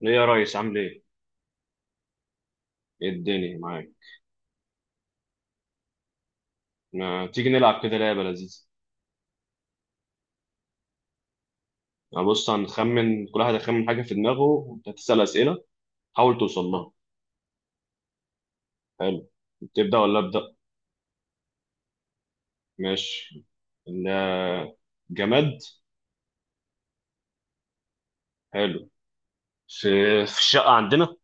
ليه يا ريس عامل ايه؟ ايه الدنيا معاك؟ ما تيجي نلعب كده لعبة لذيذة. يعني بص هنخمن، كل واحد هيخمن حاجة في دماغه وانت هتسأل أسئلة، حاول توصل لها. حلو. تبدأ ولا أبدأ؟ ماشي. ال- جماد. حلو. في في الشقة عندنا.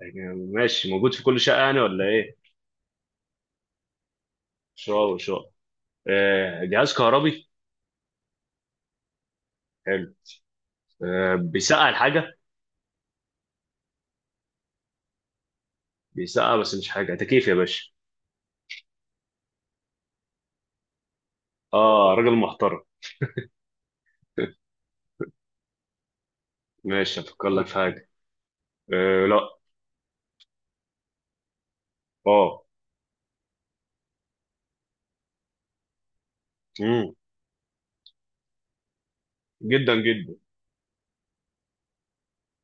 يعني ماشي موجود في كل شقة يعني ولا ايه؟ شقة وشقة. جهاز كهربي. حلو. بيسقع الحاجة. بيسقع بس مش حاجة، تكييف يا باشا. اه راجل محترم. ماشي هفكر لك في حاجة. آه لا. اه. امم جدا جدا.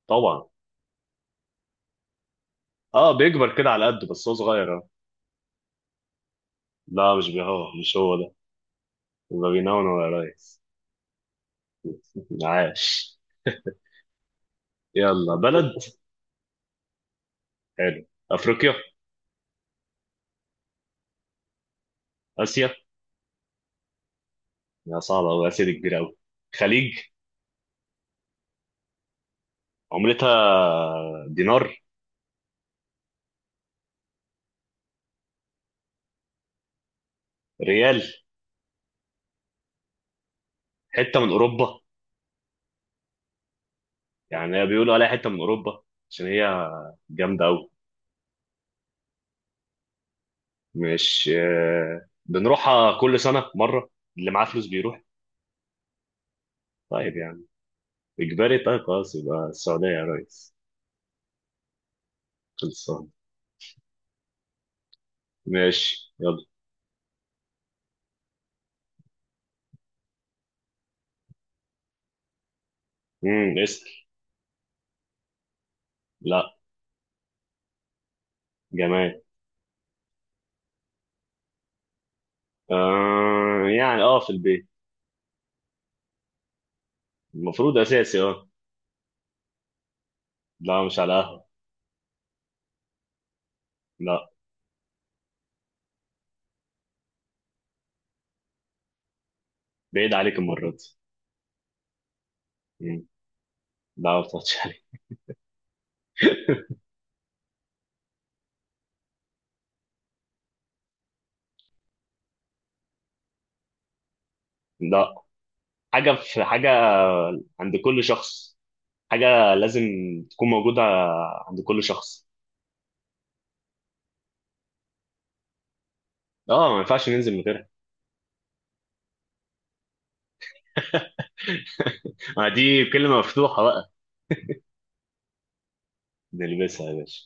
طبعا. اه بيكبر كده على قده بس هو صغير اه. لا مش بيهوه، مش هو ده. يبقى بينون ولا ريس. عاش. يلا بلد. حلو. افريقيا. اسيا. يا صعبه قوي، اسيا دي كبيره قوي. خليج. عملتها دينار. ريال. حته من اوروبا. يعني هي بيقولوا عليها حته من اوروبا عشان هي جامده قوي. مش بنروحها كل سنه مره، اللي معاه فلوس بيروح. طيب يعني اجباري، طيب خلاص يبقى السعوديه يا ريس. خلصان. ماشي يلا. اسال. لا. جماد. آه يعني اه في البيت. المفروض اساسي اه. لا مش على قهوة. لا. بعيد عليك المرة دي. مم. لا ما بتقعدش عليك. لا. حاجة في حاجة، عند كل شخص حاجة لازم تكون موجودة عند كل شخص. اه ما ينفعش ننزل من غيرها. ما دي كلمة مفتوحة بقى. نلبسها يا باشا.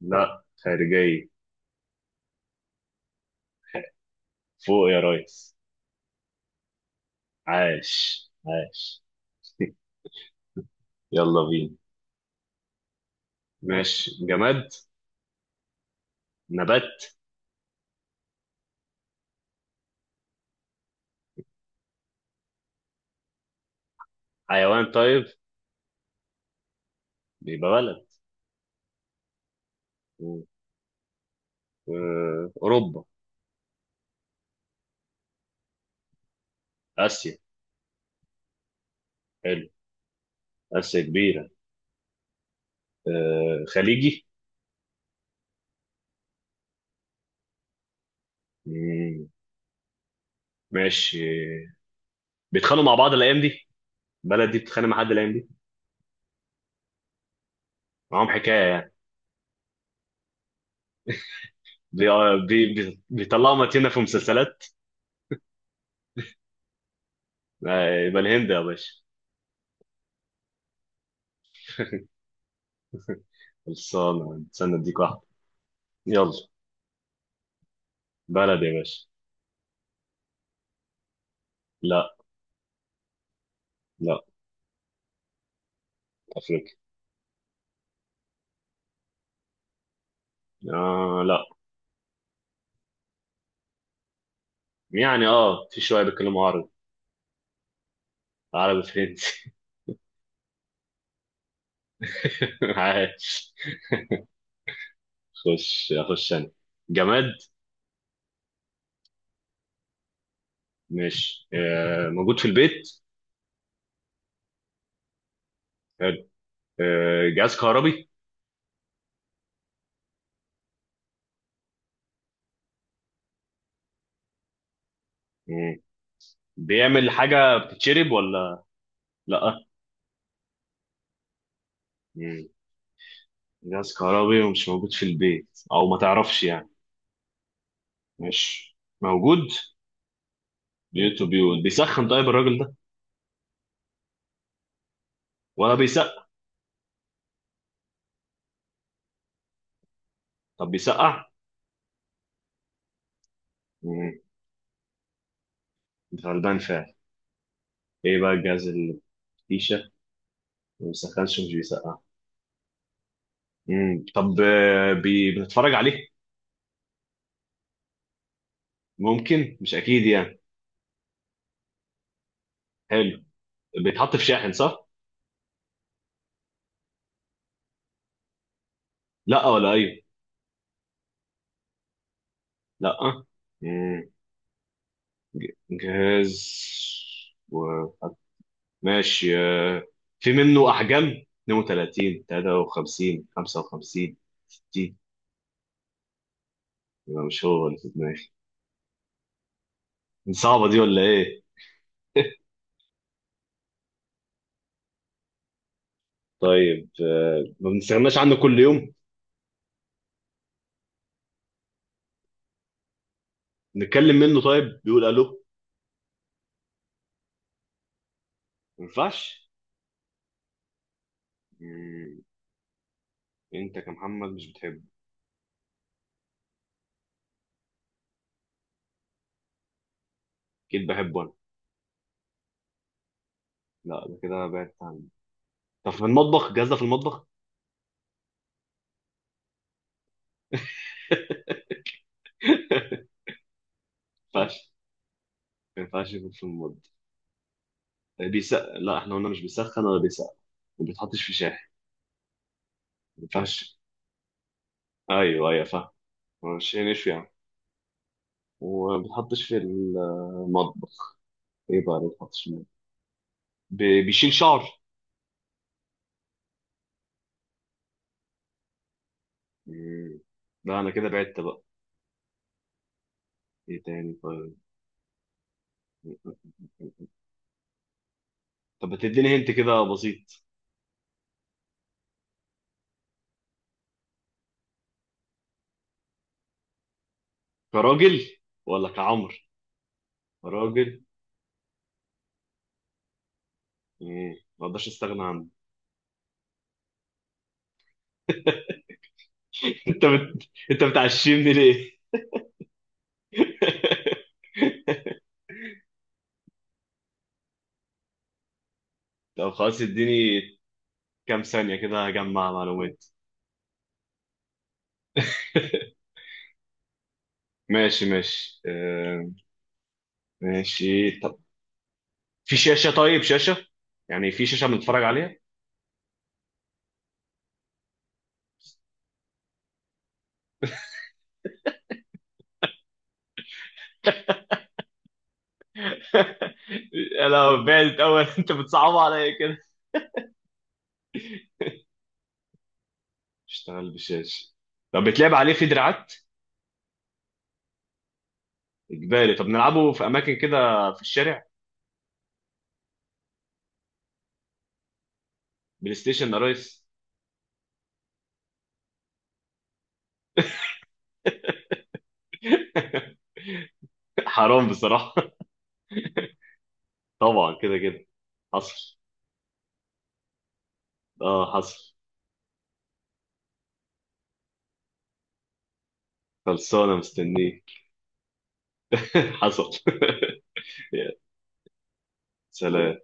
لا خارجية. فوق يا ريس. عاش عاش. يلا بينا. ماشي جماد. نبات. حيوان طيب. يبقى بلد. و- أوروبا. آسيا. حلو. آسيا كبيرة. خليجي. مم، ماشي. بيتخانقوا مع بعض الأيام دي، بلد دي بتتخانق مع حد الأيام دي. معاهم حكاية يعني. بي... آه، بي... بي... بيطلعوا متينة في مسلسلات. يبقى الهند يا باشا. خلصانة، استنى أديك واحدة. يلا. بلد يا باشا. لا. لا. أفريقيا. آه لا. يعني اه في شوية بيتكلموا عربي. عربي فرنسي. عايش. خش اخش انا. جماد. ماشي موجود في البيت. حلو. جهاز كهربي. مم. بيعمل حاجة بتتشرب ولا؟ لأ. مم. جهاز كهربي ومش موجود في البيت أو ما تعرفش يعني. ماشي موجود. بيوت وبيوت. بيسخن طيب الراجل ده؟ ولا بيسقع. طب بيسقع. مم. غلبان فعلا. إيه بقى الجهاز اللي فيشة ما بيسخنش ومش بيسقع؟ طب بنتفرج عليه. ممكن مش أكيد يعني. حلو. بيتحط في شاحن صح؟ لا ولا ايوه. لا. مم. جهاز و... ماشي في منه احجام، 32 53 55 60. يبقى مش هو اللي في دماغي. صعبه دي ولا ايه؟ طيب ما بنستغناش عنه كل يوم. نتكلم منه طيب، بيقول الو؟ ما ينفعش. مم، انت كمحمد مش بتحبه. اكيد بحبه انا. لا ده كده بعدت عنه. طب في المطبخ، الجهاز ده في المطبخ؟ ما ينفعش، ما ينفعش يكون في المطبخ. بيس لا، احنا قلنا مش بيسخن ولا بيسقع، ما بيتحطش في شاحن، ما ينفعش. ايوه ايوه فاهم، هو الشاي نشوي يعني، وما بيتحطش في المطبخ. ايه بقى اللي ما بيتحطش في المطبخ؟ بيشيل شعر. مم. لا انا كده بعدت بقى. ايه تاني طيب. طب ما تديني هنت كده بسيط. كراجل ولا كعمر؟ راجل. ما اقدرش استغنى عنه. انت بتعشمني ليه؟ طب خلاص اديني كام ثانية كده اجمع معلومات. ماشي ماشي آه، ماشي طب في شاشة؟ طيب شاشة، يعني في شاشة بنتفرج عليها. انا بعدت اول. انت بتصعب عليا كده. اشتغل بشاشة. طب بتلعب عليه في دراعات؟ اجباري. طب نلعبه في اماكن كده، في الشارع؟ بلاي ستيشن يا ريس. حرام بصراحة. طبعا كده كده. حصل. اه حصل. خلصانة مستنيه. حصل. يا سلام.